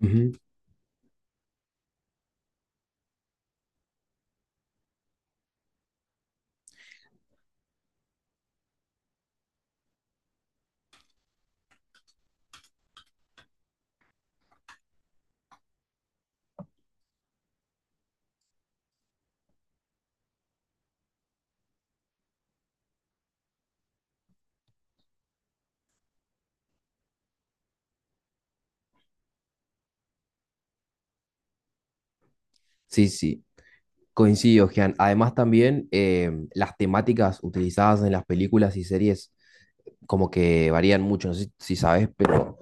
Ujú. Sí, sí, coincido, Gian. Además también las temáticas utilizadas en las películas y series como que varían mucho, no sé si sabes, pero,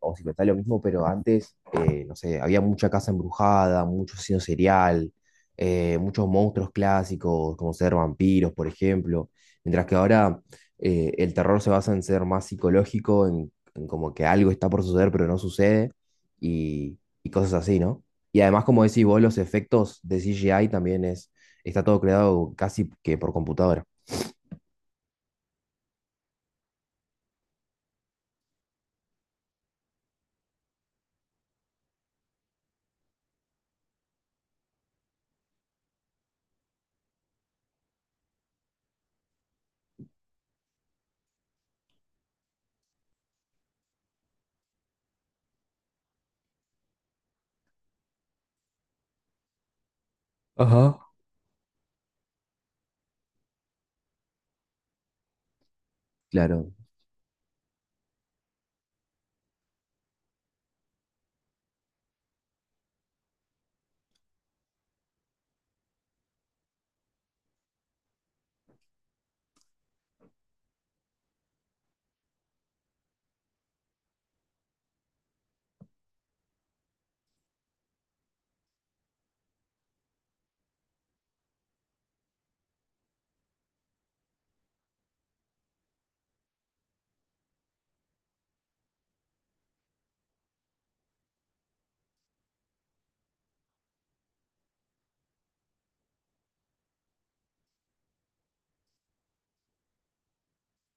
o si te está lo mismo, pero antes, no sé, había mucha casa embrujada, mucho asesino serial, muchos monstruos clásicos, como ser vampiros, por ejemplo, mientras que ahora el terror se basa en ser más psicológico, en como que algo está por suceder, pero no sucede, y cosas así, ¿no? Y además, como decís vos, los efectos de CGI también es, está todo creado casi que por computadora. Ajá. Claro.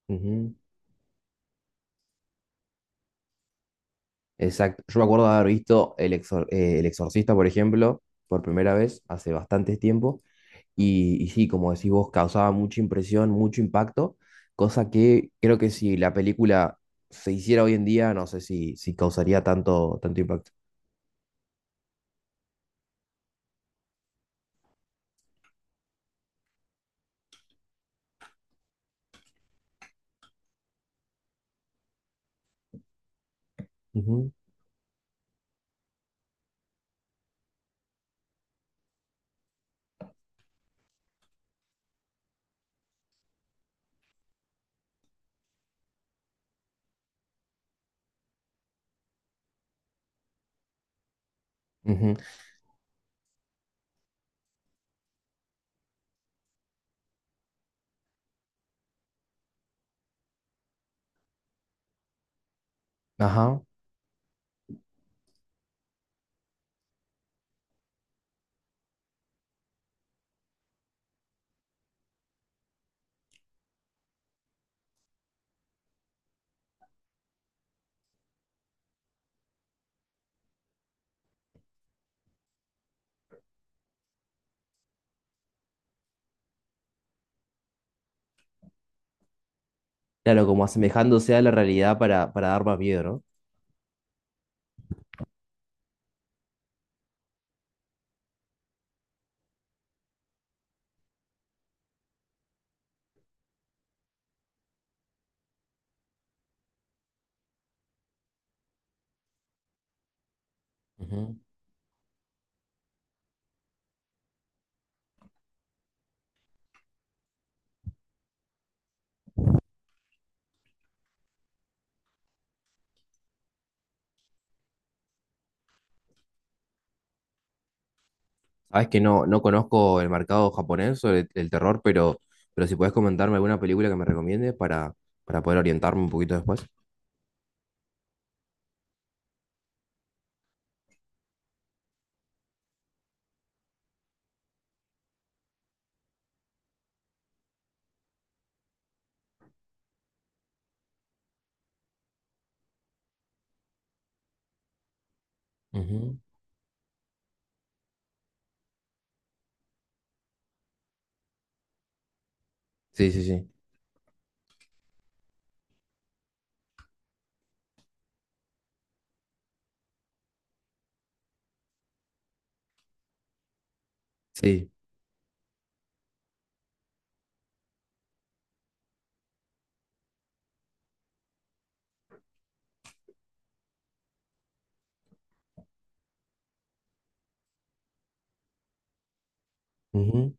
Ujú. Exacto. Yo me acuerdo de haber visto El Exorcista, por ejemplo, por primera vez hace bastante tiempo. Y sí, como decís vos, causaba mucha impresión, mucho impacto. Cosa que creo que si la película se hiciera hoy en día, no sé si causaría tanto impacto. Ujú, ujú. Ajá. Claro, como asemejándose a la realidad para dar más miedo, ¿no? Ujú. Sabes que no, no conozco el mercado japonés sobre el terror, pero si puedes comentarme alguna película que me recomiendes para poder orientarme un poquito después. Ujú. Sí, sí, sí. Sí. Ujú.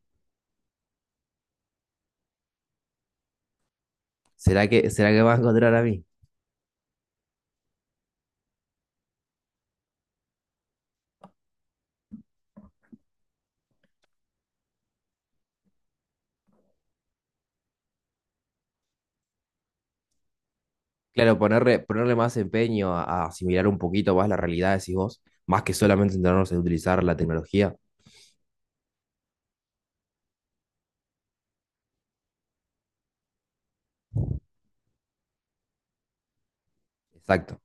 Será que va a encontrar a mí? Claro, ponerle, ponerle más empeño a asimilar un poquito más la realidad, decís vos, más que solamente centrarnos en utilizar la tecnología. Exacto.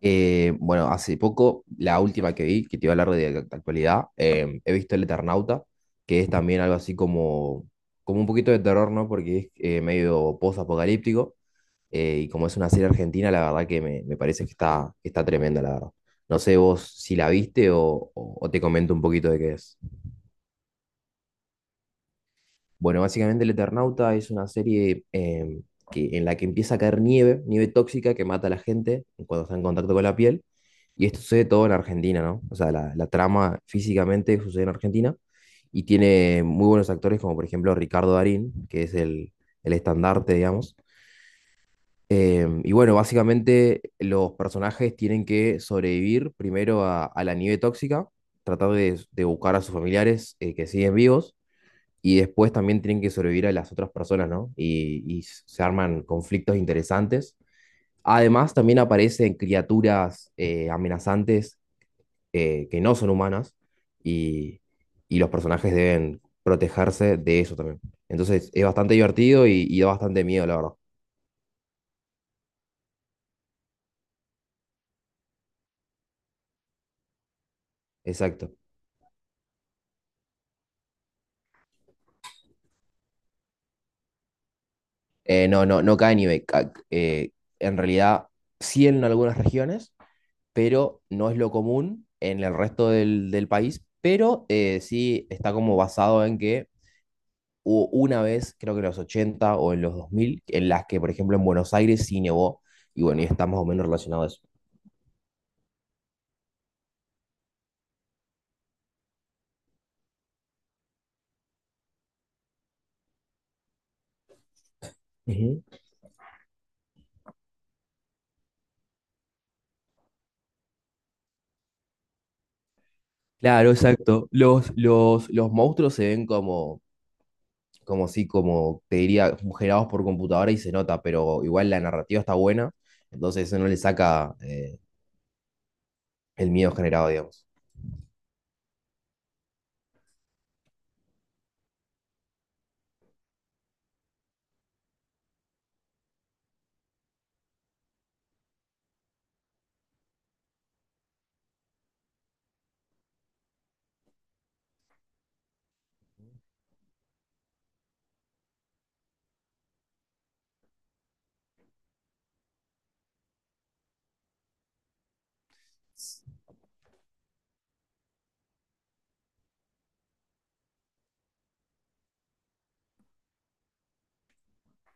Bueno, hace poco, la última que vi, que te iba a hablar de actualidad, he visto El Eternauta, que es también algo así como, como un poquito de terror, ¿no? Porque es medio post-apocalíptico. Y como es una serie argentina, la verdad que me parece que está tremenda, la verdad. No sé vos si la viste o, o te comento un poquito de qué es. Bueno, básicamente El Eternauta es una serie que, en la que empieza a caer nieve, nieve tóxica que mata a la gente cuando está en contacto con la piel. Y esto sucede todo en Argentina, ¿no? O sea, la trama físicamente sucede en Argentina y tiene muy buenos actores como por ejemplo Ricardo Darín, que es el estandarte, digamos. Em, y bueno, básicamente los personajes tienen que sobrevivir primero a la nieve tóxica, tratar de buscar a sus familiares que siguen vivos, y después también tienen que sobrevivir a las otras personas, ¿no? Y se arman conflictos interesantes. Además, también aparecen criaturas amenazantes que no son humanas, y, y los personajes deben protegerse de eso también. Entonces, es bastante divertido y da bastante miedo, la verdad. Exacto. No, no, no cae nieve. En realidad, sí en algunas regiones, pero no es lo común en el resto del, del país. Pero sí está como basado en que hubo una vez, creo que en los 80 o en los 2000 en las que, por ejemplo, en Buenos Aires sí nevó. Y bueno, y está más o menos relacionado a eso. Ujú. Claro, exacto. Los monstruos se ven como, como sí, como te diría, generados por computadora y se nota, pero igual la narrativa está buena, entonces eso no le saca el miedo generado, digamos.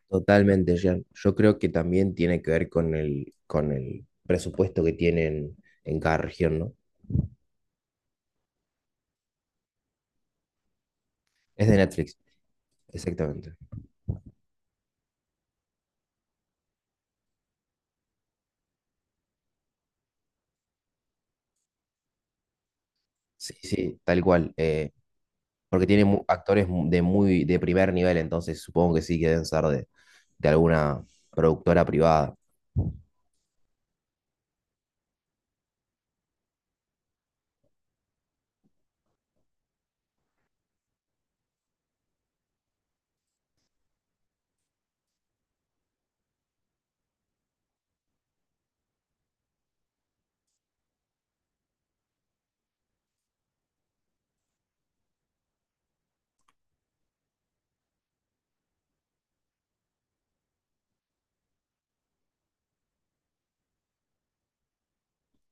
Totalmente, Jean. Yo creo que también tiene que ver con el presupuesto que tienen en cada región, ¿no? Es de Netflix, exactamente. Sí, sí, tal cual. Porque tiene actores de muy de primer nivel, entonces supongo que sí que deben ser de alguna productora privada.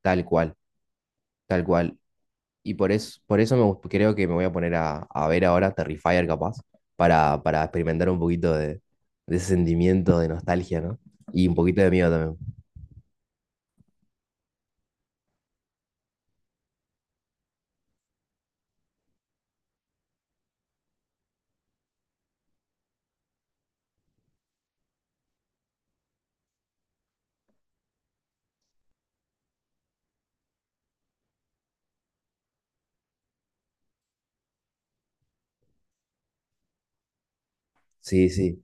Tal cual, tal cual. Y por eso me, creo que me voy a poner a ver ahora Terrifier capaz, para experimentar un poquito de ese sentimiento de nostalgia, ¿no? Y un poquito de miedo también. Sí, sí,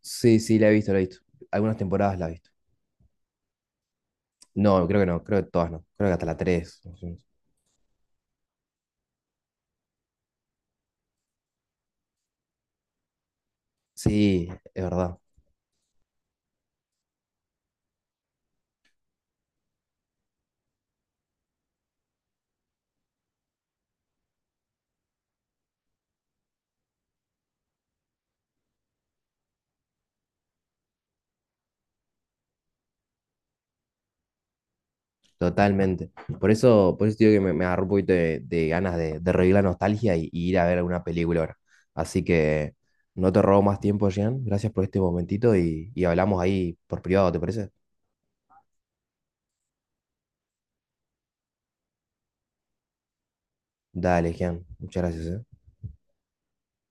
sí, sí, la he visto, la he visto. Algunas temporadas la he visto. No, creo que no, creo que todas no. Creo que hasta la 3. Sí, es verdad. Totalmente. Por eso te digo que me agarró un poquito de ganas de revivir la nostalgia y ir a ver alguna película ahora. Así que no te robo más tiempo, Jean. Gracias por este momentito y hablamos ahí por privado, ¿te parece? Dale, Jean. Muchas gracias, ¿eh?